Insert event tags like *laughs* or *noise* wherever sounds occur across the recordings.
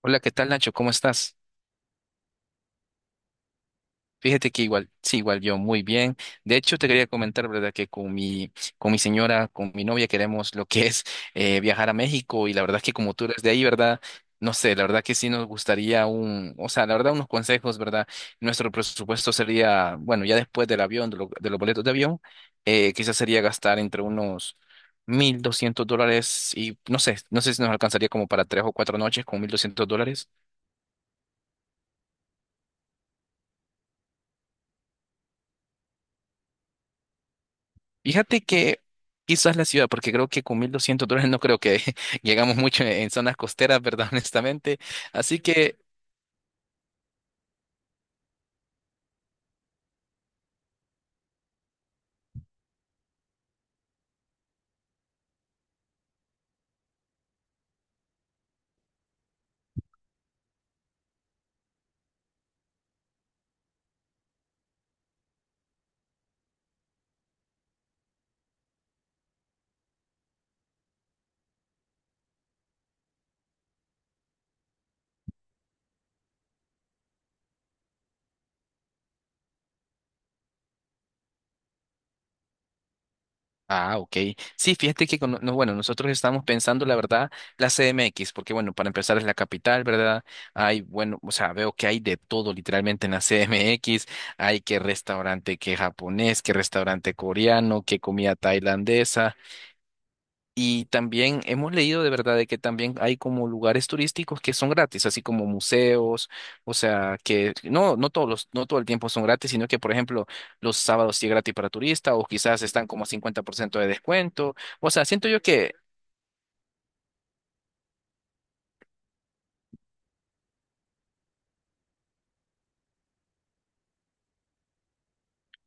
Hola, ¿qué tal, Nacho? ¿Cómo estás? Fíjate que igual, sí, igual yo muy bien. De hecho, te quería comentar, ¿verdad? Que con mi señora, con mi novia, queremos lo que es viajar a México y la verdad es que como tú eres de ahí, ¿verdad? No sé, la verdad que sí nos gustaría un, o sea, la verdad unos consejos, ¿verdad? Nuestro presupuesto sería, bueno, ya después del avión, de, de los boletos de avión, quizás sería gastar entre unos $1,200 y no sé, no sé si nos alcanzaría como para tres o cuatro noches con $1,200. Fíjate que quizás la ciudad, porque creo que con $1,200 no creo que *laughs* llegamos mucho en zonas costeras, ¿verdad? *laughs* Honestamente. Así que, ah, ok. Sí, fíjate que, no, bueno, nosotros estamos pensando, la verdad, la CMX, porque, bueno, para empezar es la capital, ¿verdad? Hay, bueno, o sea, veo que hay de todo literalmente en la CMX. Hay que restaurante que japonés, que restaurante coreano, que comida tailandesa. Y también hemos leído de verdad de que también hay como lugares turísticos que son gratis, así como museos, o sea, que no, no todos los, no todo el tiempo son gratis, sino que, por ejemplo, los sábados sí es gratis para turista, o quizás están como a 50% de descuento. O sea, siento yo que,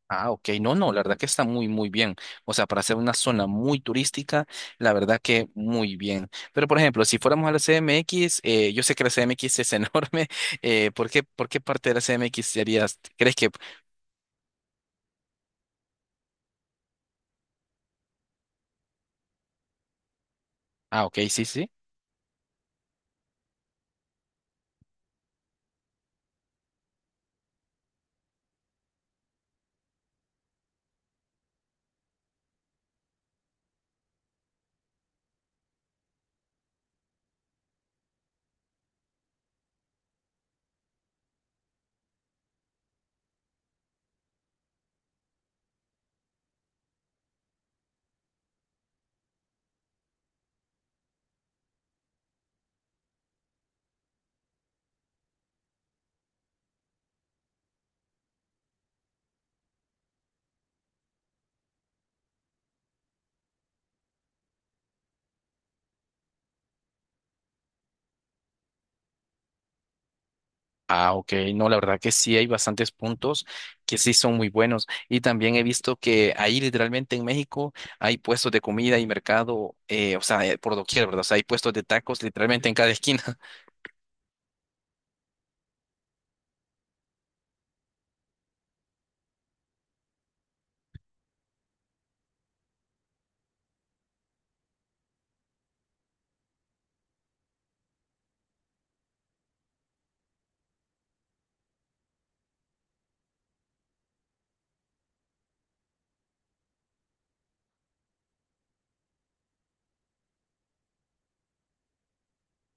ah, ok, no, no, la verdad que está muy, muy bien. O sea, para ser una zona muy turística, la verdad que muy bien. Pero, por ejemplo, si fuéramos a la CMX, yo sé que la CMX es enorme. *laughs* Por qué parte de la CMX serías, crees que ah, ok, sí, sí. Ah, ok. No, la verdad que sí hay bastantes puntos que sí son muy buenos. Y también he visto que ahí literalmente en México hay puestos de comida y mercado, o sea, por doquier, ¿verdad? O sea, hay puestos de tacos literalmente en cada esquina. *laughs*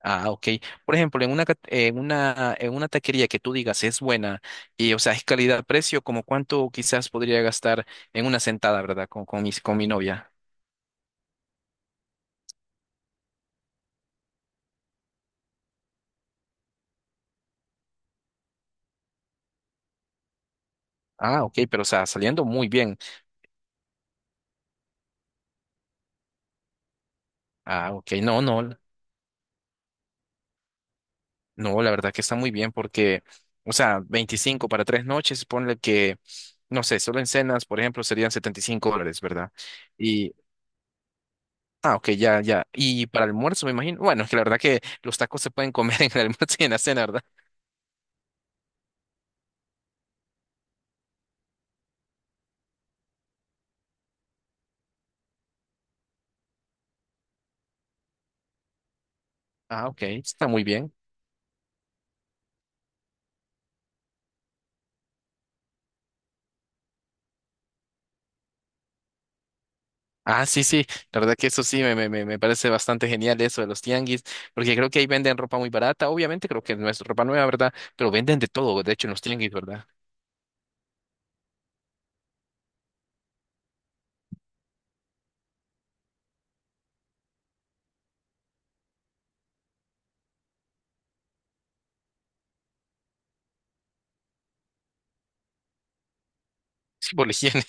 Ah, ok. Por ejemplo, en una, en una, en una taquería que tú digas es buena y, o sea, es calidad-precio, ¿como cuánto quizás podría gastar en una sentada, ¿verdad? Con mi novia. Ah, ok, pero o sea, saliendo muy bien. Ah, ok, no, no. No, la verdad que está muy bien porque, o sea, 25 para tres noches, ponle que, no sé, solo en cenas, por ejemplo, serían $75, ¿verdad? Y, ah, ok, ya, ya. Y para el almuerzo, me imagino. Bueno, es que la verdad que los tacos se pueden comer *laughs* en el almuerzo y en la cena, ¿verdad? Ah, ok, está muy bien. Ah, sí, sí, la verdad que eso sí me parece bastante genial eso de los tianguis, porque creo que ahí venden ropa muy barata, obviamente creo que no es ropa nueva, ¿verdad? Pero venden de todo, de hecho, en los tianguis, ¿verdad? *laughs* Sí, por la higiene.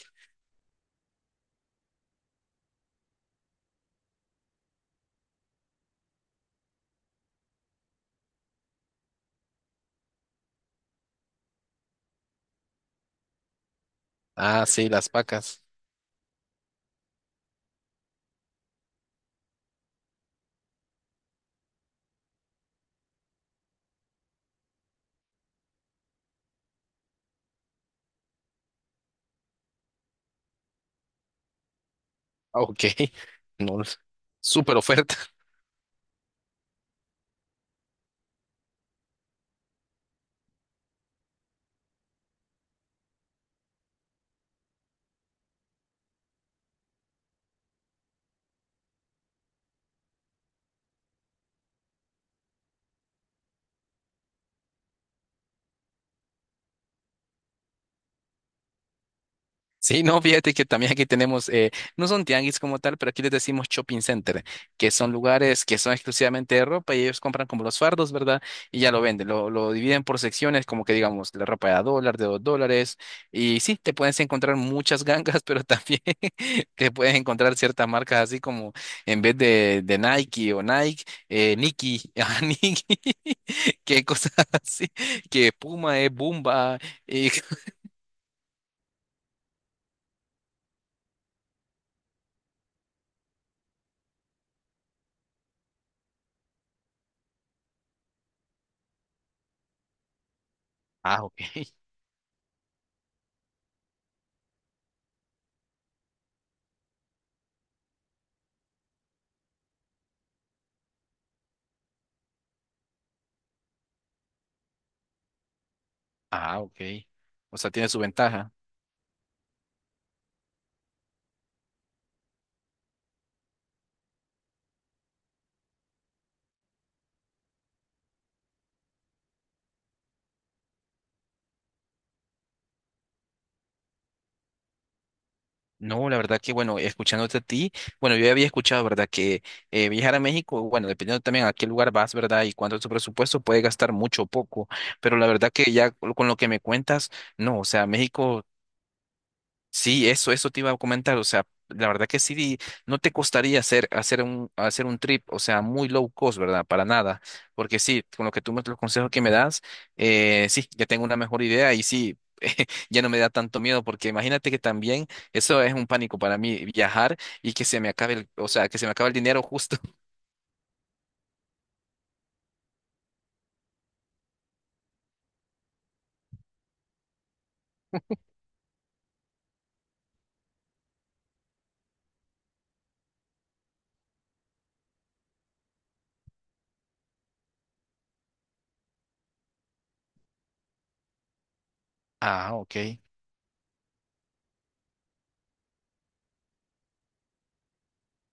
Ah, sí, las pacas. Ah, ok, *laughs* no, súper oferta. Sí, no, fíjate que también aquí tenemos, no son tianguis como tal, pero aquí les decimos shopping center, que son lugares que son exclusivamente de ropa y ellos compran como los fardos, ¿verdad? Y ya lo venden, lo dividen por secciones, como que digamos, la ropa de a dólar, de dos dólares, y sí, te puedes encontrar muchas gangas, pero también *laughs* te puedes encontrar ciertas marcas así como en vez de Nike o Nike, Nike, *laughs* ah, Nike, *laughs* que cosas así, que Puma es Bumba, y... *laughs* Ah, ok. Ah, ok. O sea, tiene su ventaja. No, la verdad que, bueno, escuchándote a ti, bueno, yo ya había escuchado, ¿verdad? Que viajar a México, bueno, dependiendo también a qué lugar vas, ¿verdad? Y cuánto es tu presupuesto, puede gastar mucho o poco. Pero la verdad que ya con lo que me cuentas, no, o sea, México. Sí, eso te iba a comentar. O sea, la verdad que sí, no te costaría hacer, hacer un trip, o sea, muy low cost, ¿verdad? Para nada. Porque sí, con lo que tú me, los consejos que me das, sí, ya tengo una mejor idea y sí, *laughs* ya no me da tanto miedo, porque imagínate que también eso es un pánico para mí, viajar y que se me acabe el, o sea, que se me acabe el dinero justo. *laughs* Ah, ok.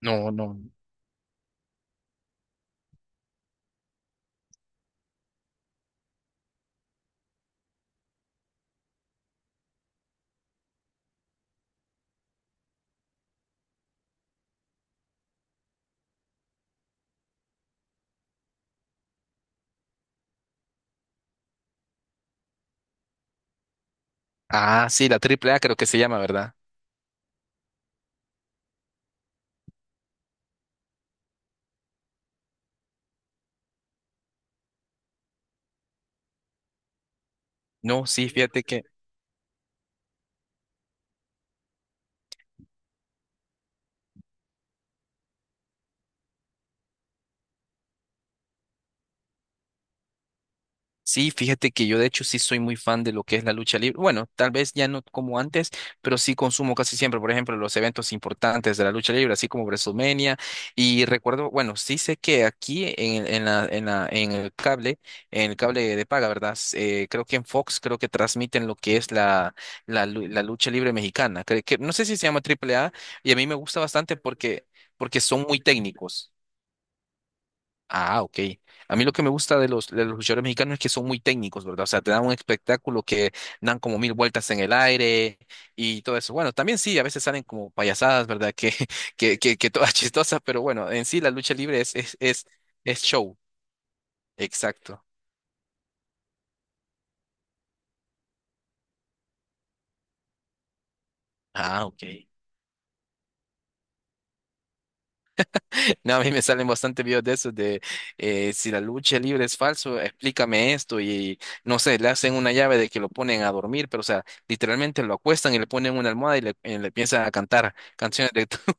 No, no. Ah, sí, la AAA creo que se llama, ¿verdad? No, sí, fíjate sí, fíjate que yo de hecho sí soy muy fan de lo que es la lucha libre. Bueno, tal vez ya no como antes, pero sí consumo casi siempre, por ejemplo, los eventos importantes de la lucha libre, así como WrestleMania. Y recuerdo, bueno, sí sé que aquí en el cable de paga, ¿verdad? Creo que en Fox creo que transmiten lo que es la, la lucha libre mexicana. Creo que, no sé si se llama AAA y a mí me gusta bastante porque, porque son muy técnicos. Ah, ok. A mí lo que me gusta de los luchadores mexicanos es que son muy técnicos, ¿verdad? O sea, te dan un espectáculo que dan como 1,000 vueltas en el aire y todo eso. Bueno, también sí, a veces salen como payasadas, ¿verdad? Que, *laughs* que todas *laughs* chistosas, pero bueno, en sí la lucha libre es es show. Exacto. Ah, ok. No, a mí me salen bastante videos de esos de si la lucha libre es falso, explícame esto y no sé, le hacen una llave de que lo ponen a dormir, pero o sea, literalmente lo acuestan y le ponen una almohada y le empiezan a cantar canciones de... *laughs*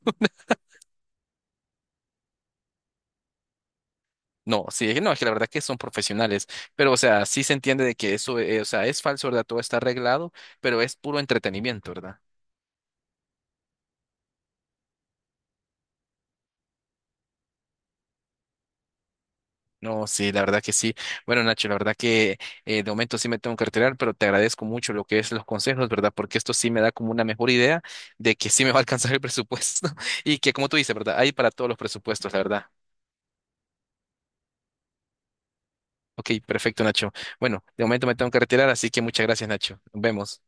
No, sí, no, es que la verdad que son profesionales, pero o sea, sí se entiende de que eso, o sea, es falso, ¿verdad? Todo está arreglado, pero es puro entretenimiento, ¿verdad? No, sí, la verdad que sí. Bueno, Nacho, la verdad que de momento sí me tengo que retirar, pero te agradezco mucho lo que es los consejos, ¿verdad? Porque esto sí me da como una mejor idea de que sí me va a alcanzar el presupuesto *laughs* y que como tú dices, ¿verdad? Hay para todos los presupuestos, la verdad. Ok, perfecto, Nacho. Bueno, de momento me tengo que retirar, así que muchas gracias, Nacho. Nos vemos.